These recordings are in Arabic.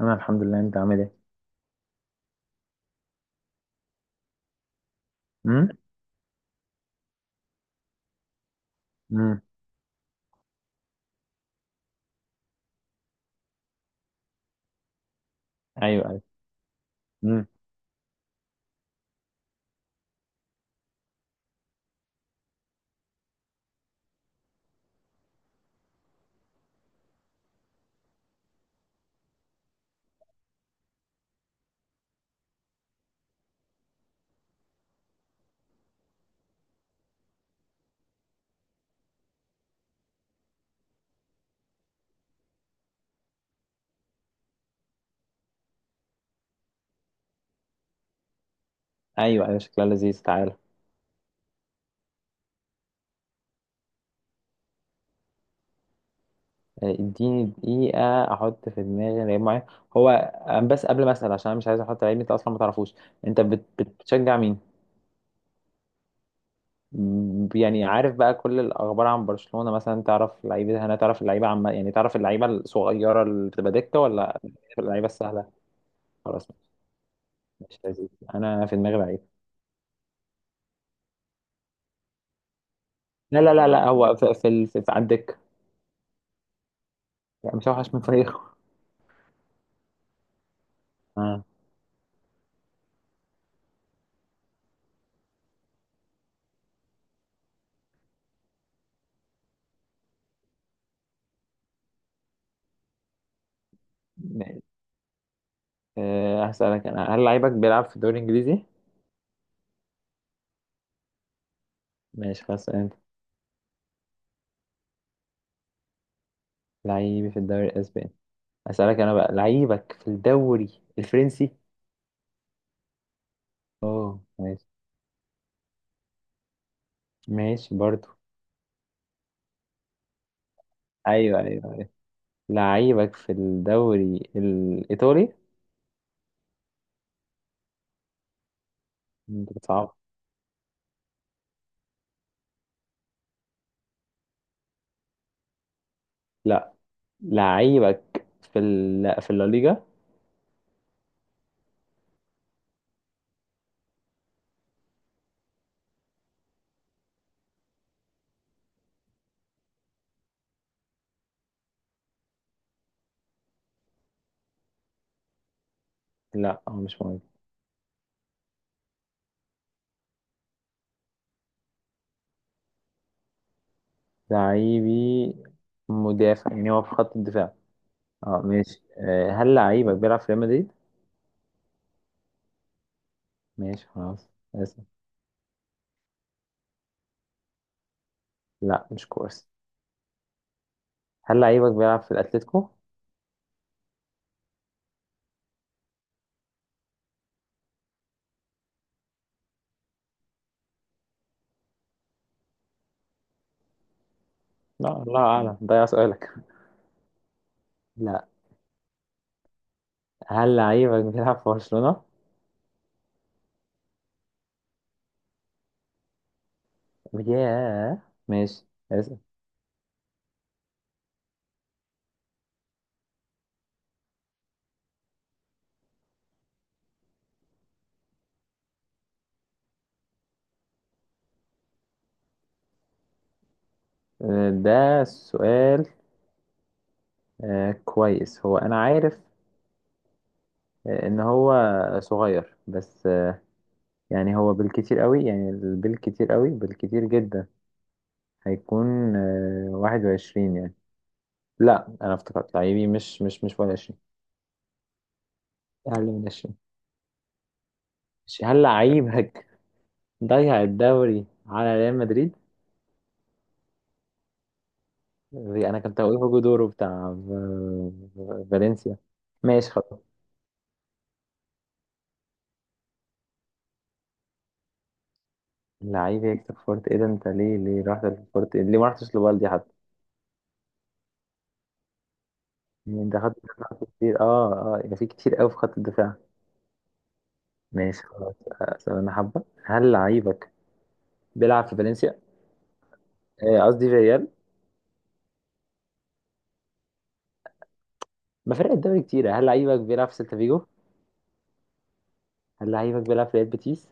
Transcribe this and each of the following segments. انا الحمد لله. انت عامل ايه؟ امم امم ايوه ايوه. امم ايوه ايوه، شكلها لذيذ. تعالى. آه، اديني دقيقه احط في دماغي لعيب معين. هو آه، بس قبل ما اسال، عشان انا مش عايز احط لعيب انت اصلا ما تعرفوش. انت بتشجع مين؟ يعني عارف بقى كل الاخبار عن برشلونه مثلا؟ تعرف لعيبه هنا؟ تعرف اللعيبه؟ عم يعني تعرف اللعيبه الصغيره اللي بتبقى دكه ولا اللعيبه السهله؟ خلاص. مش لذيذ. انا في دماغي لعيب. لا لا لا لا، هو في في على الدكه. يعني مش هوحش من فريقه. آه. أه، هسألك أنا: هل لعيبك بيلعب في الدوري الإنجليزي؟ ماشي خلاص. أنت، لعيبي في الدوري الأسباني. هسألك أنا بقى: لعيبك في الدوري الفرنسي؟ أوه، ماشي ماشي برضو. أيوه أيوه. لعيبك في الدوري الإيطالي؟ أنت بتصعب. لا. لعيبك في لا، في الليجا؟ لا هو مش مهم. لعيبي مدافع، يعني هو في خط الدفاع. اه ماشي. أه هل لعيبك بيلعب في ريال مدريد؟ ماشي خلاص، اسف. لا مش كويس. هل لعيبك بيلعب في الأتليتيكو؟ لا الله أعلم، ده سؤالك. لا. هل لعيبك بيلعب في برشلونة؟ ياه. ماشي. اسأل. آه، ده سؤال. آه، كويس هو أنا عارف آه، إن هو صغير بس آه، يعني هو بالكتير قوي، يعني بالكتير قوي، بالكتير جدا هيكون آه، واحد وعشرين يعني. لا أنا افتكرت لعيبي مش واحد وعشرين. أقل من عشرين. ماشي. هل لعيبك ضيع الدوري على ريال مدريد؟ دي انا كنت هقول هوجو دورو بتاع فالنسيا. ماشي خلاص. اللعيب يكسب فورت ايه ده؟ انت ليه رحت لفورت؟ ليه ما رحتش لبالدي حتى؟ يعني انت خدت كتير اه اه، يعني في كتير قوي في خط الدفاع. ماشي خلاص. اسال انا حبه. هل لعيبك بيلعب في فالنسيا؟ آه، قصدي في ريال. ما فرق الدوري كتير. هل لعيبك بيلعب في سيلتا فيجو؟ هل لعيبك بيلعب في ريال بيتيس؟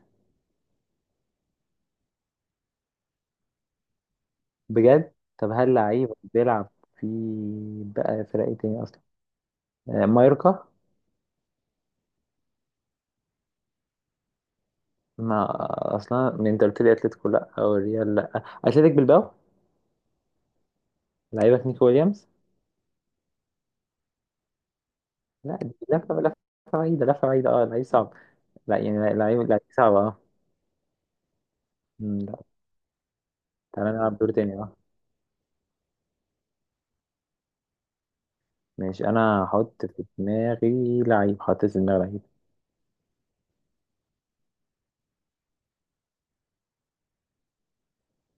بجد؟ طب هل لعيبك بيلعب في، بقى فرق ايه تاني اصلا، آه، مايوركا؟ ما اصلا من انت قلت لي اتلتيكو لا او الريال لا، اتلتيك بالباو. لعيبك نيكو ويليامز. لا دي لفه لفه بعيده، لفه بعيده. اه لعيب صعب. لا يعني لعيب صعب اه. لا. تعالى نلعب دور تاني اه. ماشي، انا هحط في دماغي لعيب. حطيت في دماغي لعيب.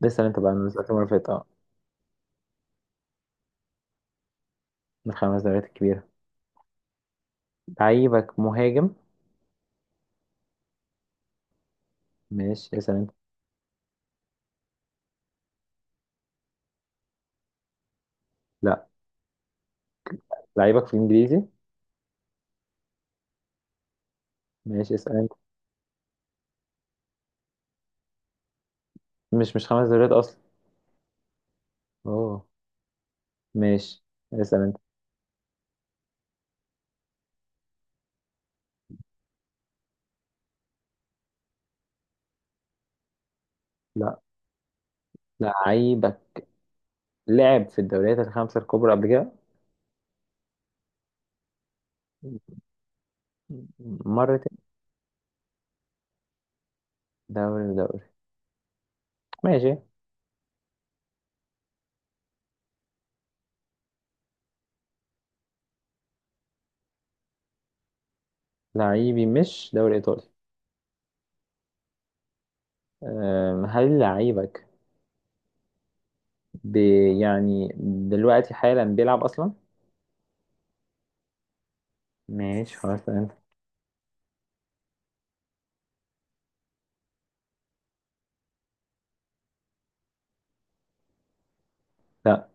لسه انت بقى من الأسئلة المره اللي فاتت اه. من الخمس دوريات الكبيره. لعيبك مهاجم. ماشي، اسال انت. لا. لعيبك في الانجليزي. ماشي، اسال انت. مش خمس دوريات اصلا. اوه. ماشي. اسال انت. لا. لعيبك لعب في الدوريات الخمسة الكبرى قبل كده. مرتين. دوري دوري. ماشي. لعيبي مش دوري إيطالي. هل لعيبك ب... يعني دلوقتي حالا بيلعب أصلا؟ ماشي خلاص، اسأل أنت. لا.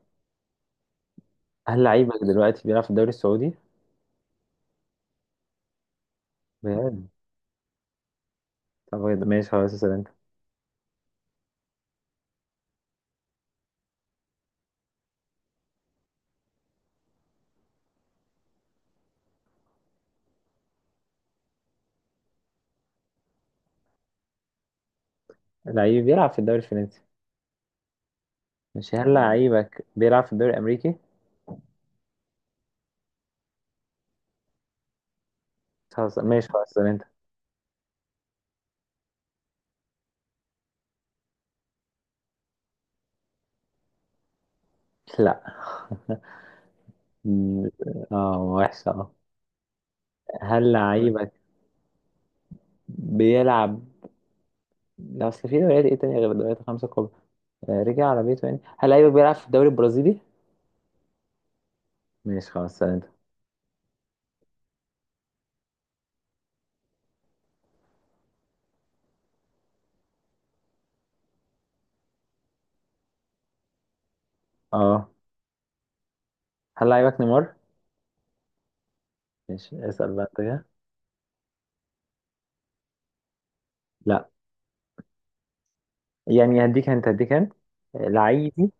هل لعيبك دلوقتي بيلعب في الدوري السعودي؟ بجد. طب ماشي خلاص، اسأل أنت. لعيبي بيلعب في الدوري الفرنسي. مش، هل لعيبك بيلعب في الدوري الأمريكي؟ خلاص ماشي خلاص، اسأل أنت. لا. م- اه وحشة اه. هل لعيبك بيلعب، لا اصل في دوريات ايه تانية غير الدوريات الخمسة الكبرى، آه، رجع على بيته يعني، هل لعيبك بيلعب في الدوري البرازيلي؟ ماشي خلاص، سأل انت. اه. هل لعيبك نيمار؟ ماشي. اسأل بقى انت كده. لا. يعني هديك انت، هديك انت. لعيبي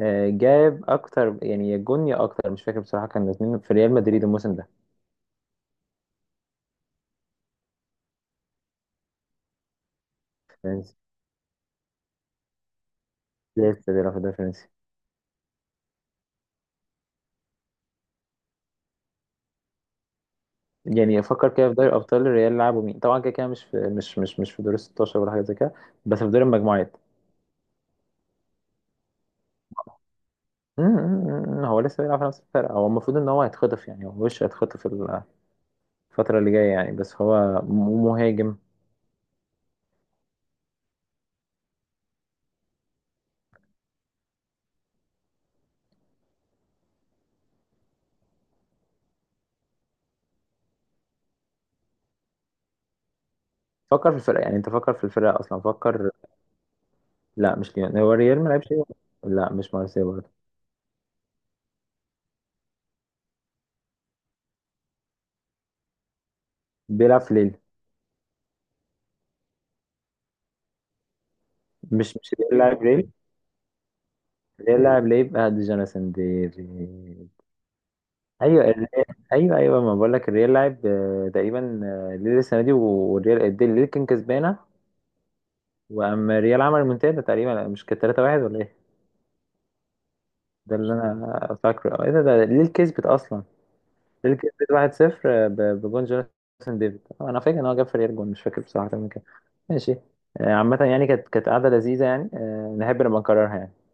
آه، جاب اكتر، يعني يا جون يا اكتر، مش فاكر بصراحة. كان الاثنين في ريال مدريد الموسم ده. فرنسي. لسه بيلعب في الدوري الفرنسي. يعني افكر كده في دوري ابطال، الريال لعبوا مين طبعا، كده كده مش في، مش في دور ال 16 ولا حاجه زي كده، بس في دور المجموعات. هو لسه بيلعب في نفس الفرقة. هو المفروض ان هو هيتخطف، يعني هو وش هيتخطف الفترة اللي جاية يعني. بس هو مهاجم. فكر في الفرقة، يعني انت فكر في الفرقة اصلا، فكر. لا مش ليون، هو ريال ما لعبش ليون. لا مش مارسيلو برضه. بيلعب في ليل. مش مش ريال لاعب ريل. ريال لاعب ليه بقى، دي جوناثان دي. ايوه الريال. ايوه ايوه، ما بقول لك الريال لاعب آه، تقريبا آه، ليل السنة دي، والريال الديل ليل كان كسبانة. واما الريال عمل منتدى تقريبا، مش كانت 3-1 ولا إيه؟ ده اللي انا فاكره. ايه ده ليه كسبت اصلا؟ ليه كسبت 1-0 بجون جوناثان ديفيد. آه، انا فاكر ان هو جاب فريق جون، مش فاكر بصراحه كان كام. ماشي. آه، عامه يعني كانت قعده لذيذه يعني، آه، نحب نبقى نكررها يعني.